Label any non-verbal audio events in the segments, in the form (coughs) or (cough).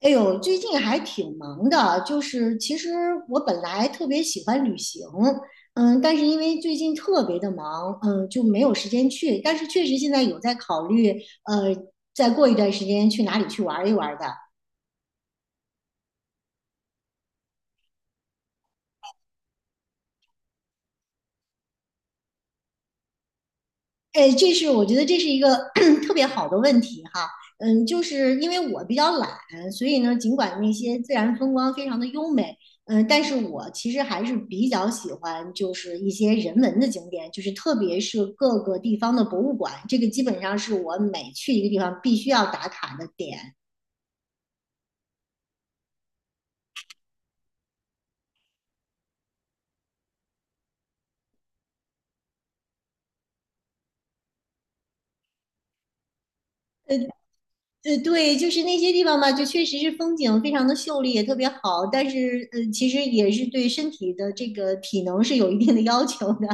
哎呦，最近还挺忙的，就是其实我本来特别喜欢旅行，但是因为最近特别的忙，就没有时间去。但是确实现在有在考虑，呃，再过一段时间去哪里去玩一玩的。哎，这是我觉得这是一个 (clears throat) (coughs) 特别好的问题哈。就是因为我比较懒，所以呢，尽管那些自然风光非常的优美，但是我其实还是比较喜欢就是一些人文的景点，就是特别是各个地方的博物馆，这个基本上是我每去一个地方必须要打卡的点。呃对，就是那些地方吧，就确实是风景非常的秀丽，也特别好，但是其实也是对身体的这个体能是有一定的要求的。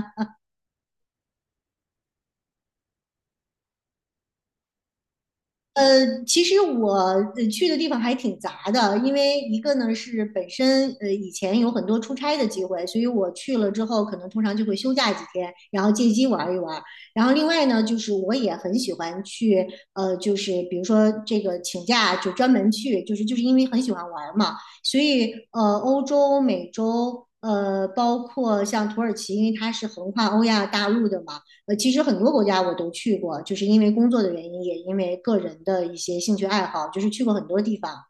其实我去的地方还挺杂的，因为一个呢是本身以前有很多出差的机会，所以我去了之后可能通常就会休假几天，然后借机玩一玩。然后另外呢，就是我也很喜欢去就是比如说这个请假就专门去，就是因为很喜欢玩嘛，所以欧洲、美洲包括像土耳其，因为它是横跨欧亚大陆的嘛。其实很多国家我都去过，就是因为工作的原因，也因为个人的一些兴趣爱好，就是去过很多地方。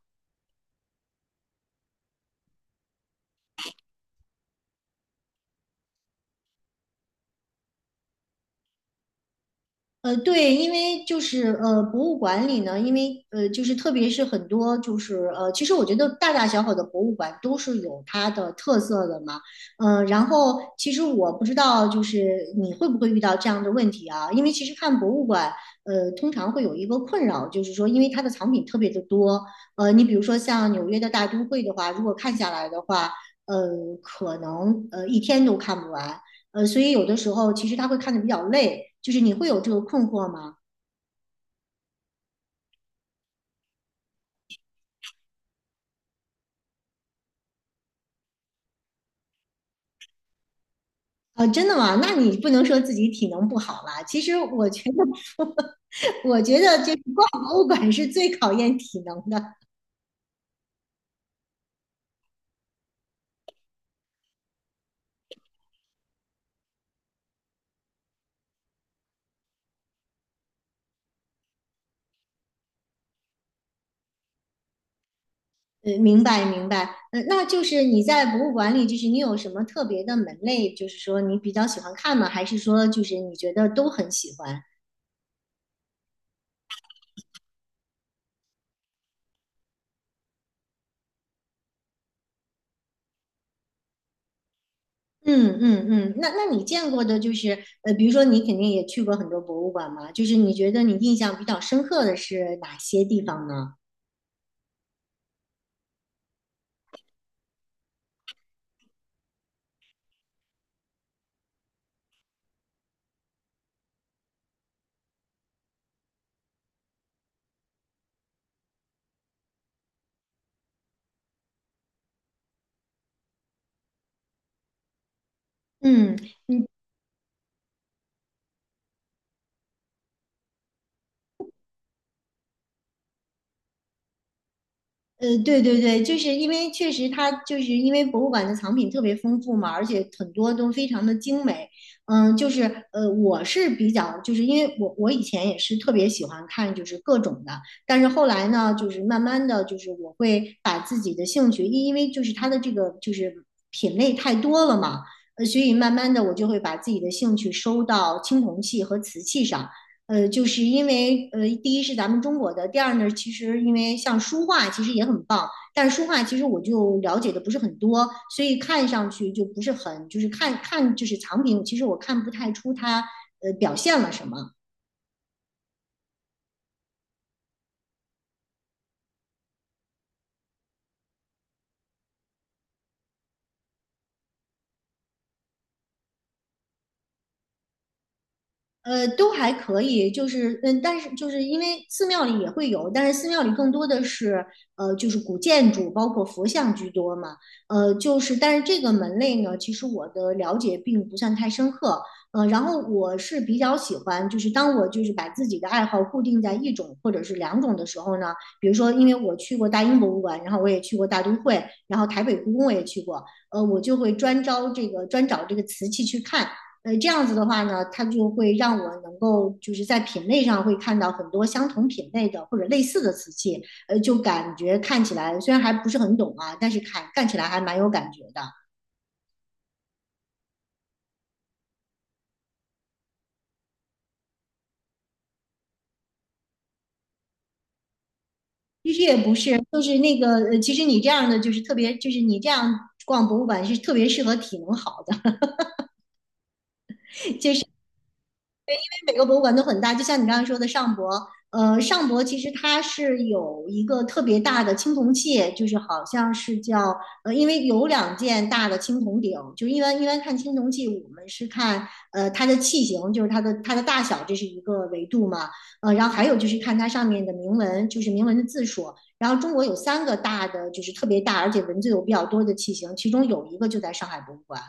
对，因为就是博物馆里呢，因为就是特别是很多就是其实我觉得大大小小的博物馆都是有它的特色的嘛，然后其实我不知道就是你会不会遇到这样的问题啊，因为其实看博物馆，通常会有一个困扰，就是说因为它的藏品特别的多，你比如说像纽约的大都会的话，如果看下来的话，呃，可能一天都看不完，所以有的时候其实他会看得比较累，就是你会有这个困惑吗？啊，真的吗？那你不能说自己体能不好啦。其实我觉得，(laughs) 我觉得这逛博物馆是最考验体能的。明白明白。嗯，那就是你在博物馆里，就是你有什么特别的门类，就是说你比较喜欢看吗？还是说就是你觉得都很喜欢？嗯嗯嗯。那你见过的，就是比如说你肯定也去过很多博物馆嘛，就是你觉得你印象比较深刻的是哪些地方呢？嗯，对对对，就是因为确实它就是因为博物馆的藏品特别丰富嘛，而且很多都非常的精美。就是我是比较就是因为我以前也是特别喜欢看就是各种的，但是后来呢，就是慢慢的就是我会把自己的兴趣，因为就是它的这个就是品类太多了嘛，所以慢慢的我就会把自己的兴趣收到青铜器和瓷器上。就是因为第一是咱们中国的，第二呢，其实因为像书画其实也很棒，但是书画其实我就了解的不是很多，所以看上去就不是很，就是看看就是藏品，其实我看不太出它表现了什么。都还可以，就是但是就是因为寺庙里也会有，但是寺庙里更多的是就是古建筑，包括佛像居多嘛。就是但是这个门类呢，其实我的了解并不算太深刻。然后我是比较喜欢，就是当我就是把自己的爱好固定在一种或者是两种的时候呢，比如说因为我去过大英博物馆，然后我也去过大都会，然后台北故宫我也去过，我就会专找这个瓷器去看。这样子的话呢，它就会让我能够就是在品类上会看到很多相同品类的或者类似的瓷器，就感觉看起来虽然还不是很懂啊，但是看看起来还蛮有感觉的。其实也不是，就是那个，其实你这样的就是特别，就是你这样逛博物馆是特别适合体能好的。每个博物馆都很大，就像你刚才说的上博，上博其实它是有一个特别大的青铜器，就是好像是叫因为有两件大的青铜鼎，就一般看青铜器，我们是看它的器型，就是它的大小，这是一个维度嘛，然后还有就是看它上面的铭文，就是铭文的字数。然后中国有三个大的，就是特别大，而且文字有比较多的器型，其中有一个就在上海博物馆。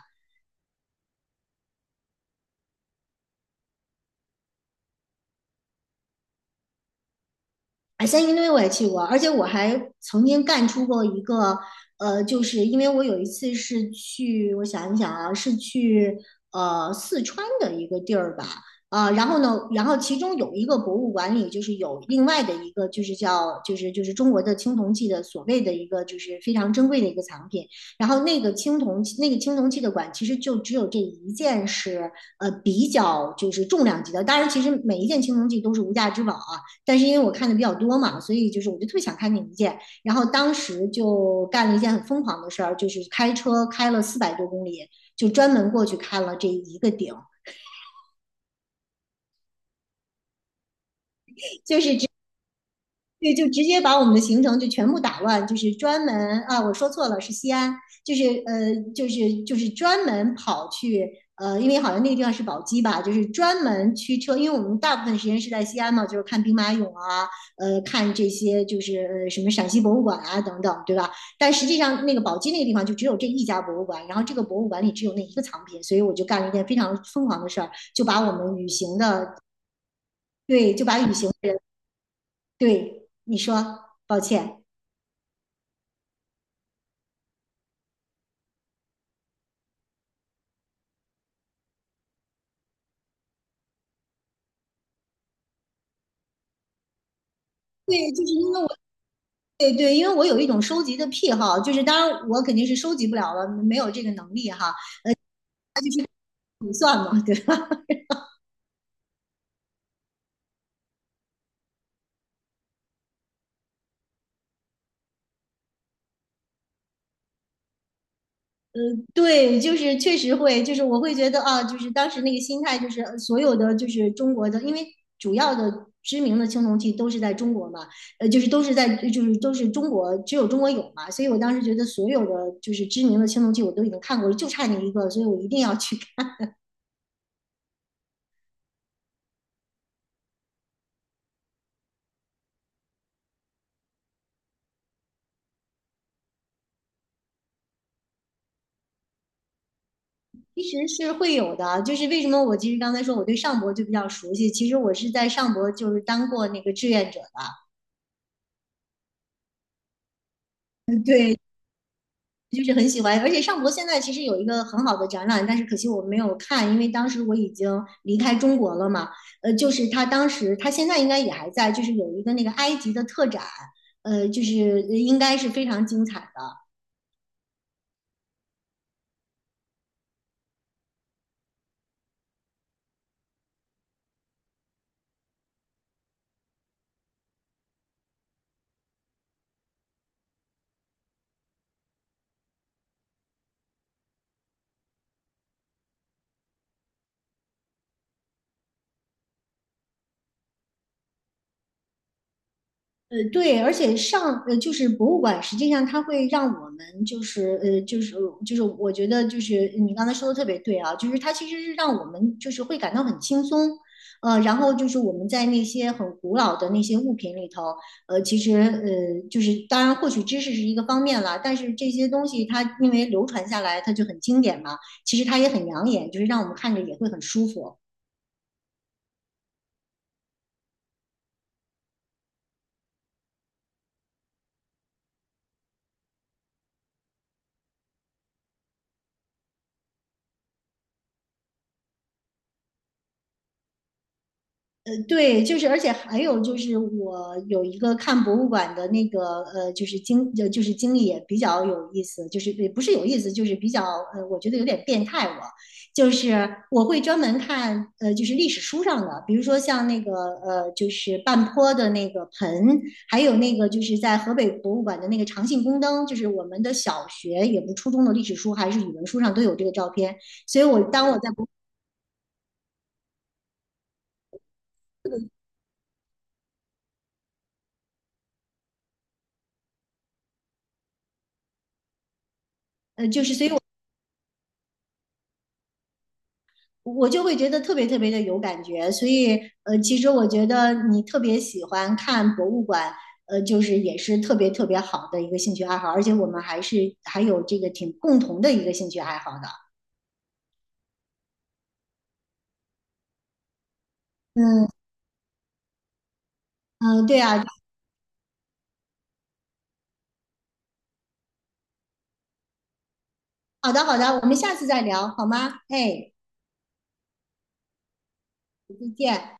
哎，三星堆我也去过，而且我还曾经干出过一个，就是因为我有一次是去，我想一想啊，是去四川的一个地儿吧，啊、然后呢，然后其中有一个博物馆里就是有另外的一个，就是叫就是中国的青铜器的所谓的一个就是非常珍贵的一个藏品，然后那个青铜器的馆其实就只有这一件是比较就是重量级的，当然其实每一件青铜器都是无价之宝啊。但是因为我看的比较多嘛，所以就是我就特别想看那一件，然后当时就干了一件很疯狂的事儿，就是开车开了400多公里，就专门过去看了这一个顶，就是对，就直接把我们的行程就全部打乱，就是专门啊，我说错了，是西安，就是就是专门跑去因为好像那个地方是宝鸡吧，就是专门驱车，因为我们大部分时间是在西安嘛，就是看兵马俑啊，看这些就是什么陕西博物馆啊等等，对吧？但实际上那个宝鸡那个地方就只有这一家博物馆，然后这个博物馆里只有那一个藏品，所以我就干了一件非常疯狂的事儿，就把我们旅行的对，就把旅行的人对你说，抱歉。对，就是因为对对，因为我有一种收集的癖好，就是当然我肯定是收集不了了，没有这个能力哈，(laughs) 对吧？(laughs) 对，就是确实会，就是我会觉得啊，就是当时那个心态，就是所有的就是中国的，因为主要的知名的青铜器都是在中国嘛，就是都是在就是都是中国，只有中国有嘛，所以我当时觉得所有的就是知名的青铜器我都已经看过了，就差那一个，所以我一定要去其实是会有的，就是为什么我其实刚才说我对上博就比较熟悉，其实我是在上博就是当过那个志愿者的，嗯对，就是很喜欢，而且上博现在其实有一个很好的展览，但是可惜我没有看，因为当时我已经离开中国了嘛，就是他他现在应该也还在，就是有一个那个埃及的特展，就是应该是非常精彩的。对，而且就是博物馆，实际上它会让我们就是就是我觉得就是你刚才说的特别对啊，就是它其实是让我们就是会感到很轻松，然后就是我们在那些很古老的那些物品里头，其实就是当然获取知识是一个方面啦，但是这些东西它因为流传下来，它就很经典嘛，其实它也很养眼，就是让我们看着也会很舒服。对，就是，而且还有就是，我有一个看博物馆的那个就是就是经历也比较有意思，就是也不是有意思，就是比较我觉得有点变态我。就是我会专门看，就是历史书上的，比如说像那个，就是半坡的那个盆，还有那个就是在河北博物馆的那个长信宫灯，就是我们的小学也不初中的历史书还是语文书上都有这个照片，所以我当我在博，就是所以我就会觉得特别特别的有感觉。所以，其实我觉得你特别喜欢看博物馆，就是也是特别特别好的一个兴趣爱好，而且我们还是还有这个挺共同的一个兴趣爱好的。嗯嗯，对啊，好的好的，我们下次再聊好吗？哎，再见。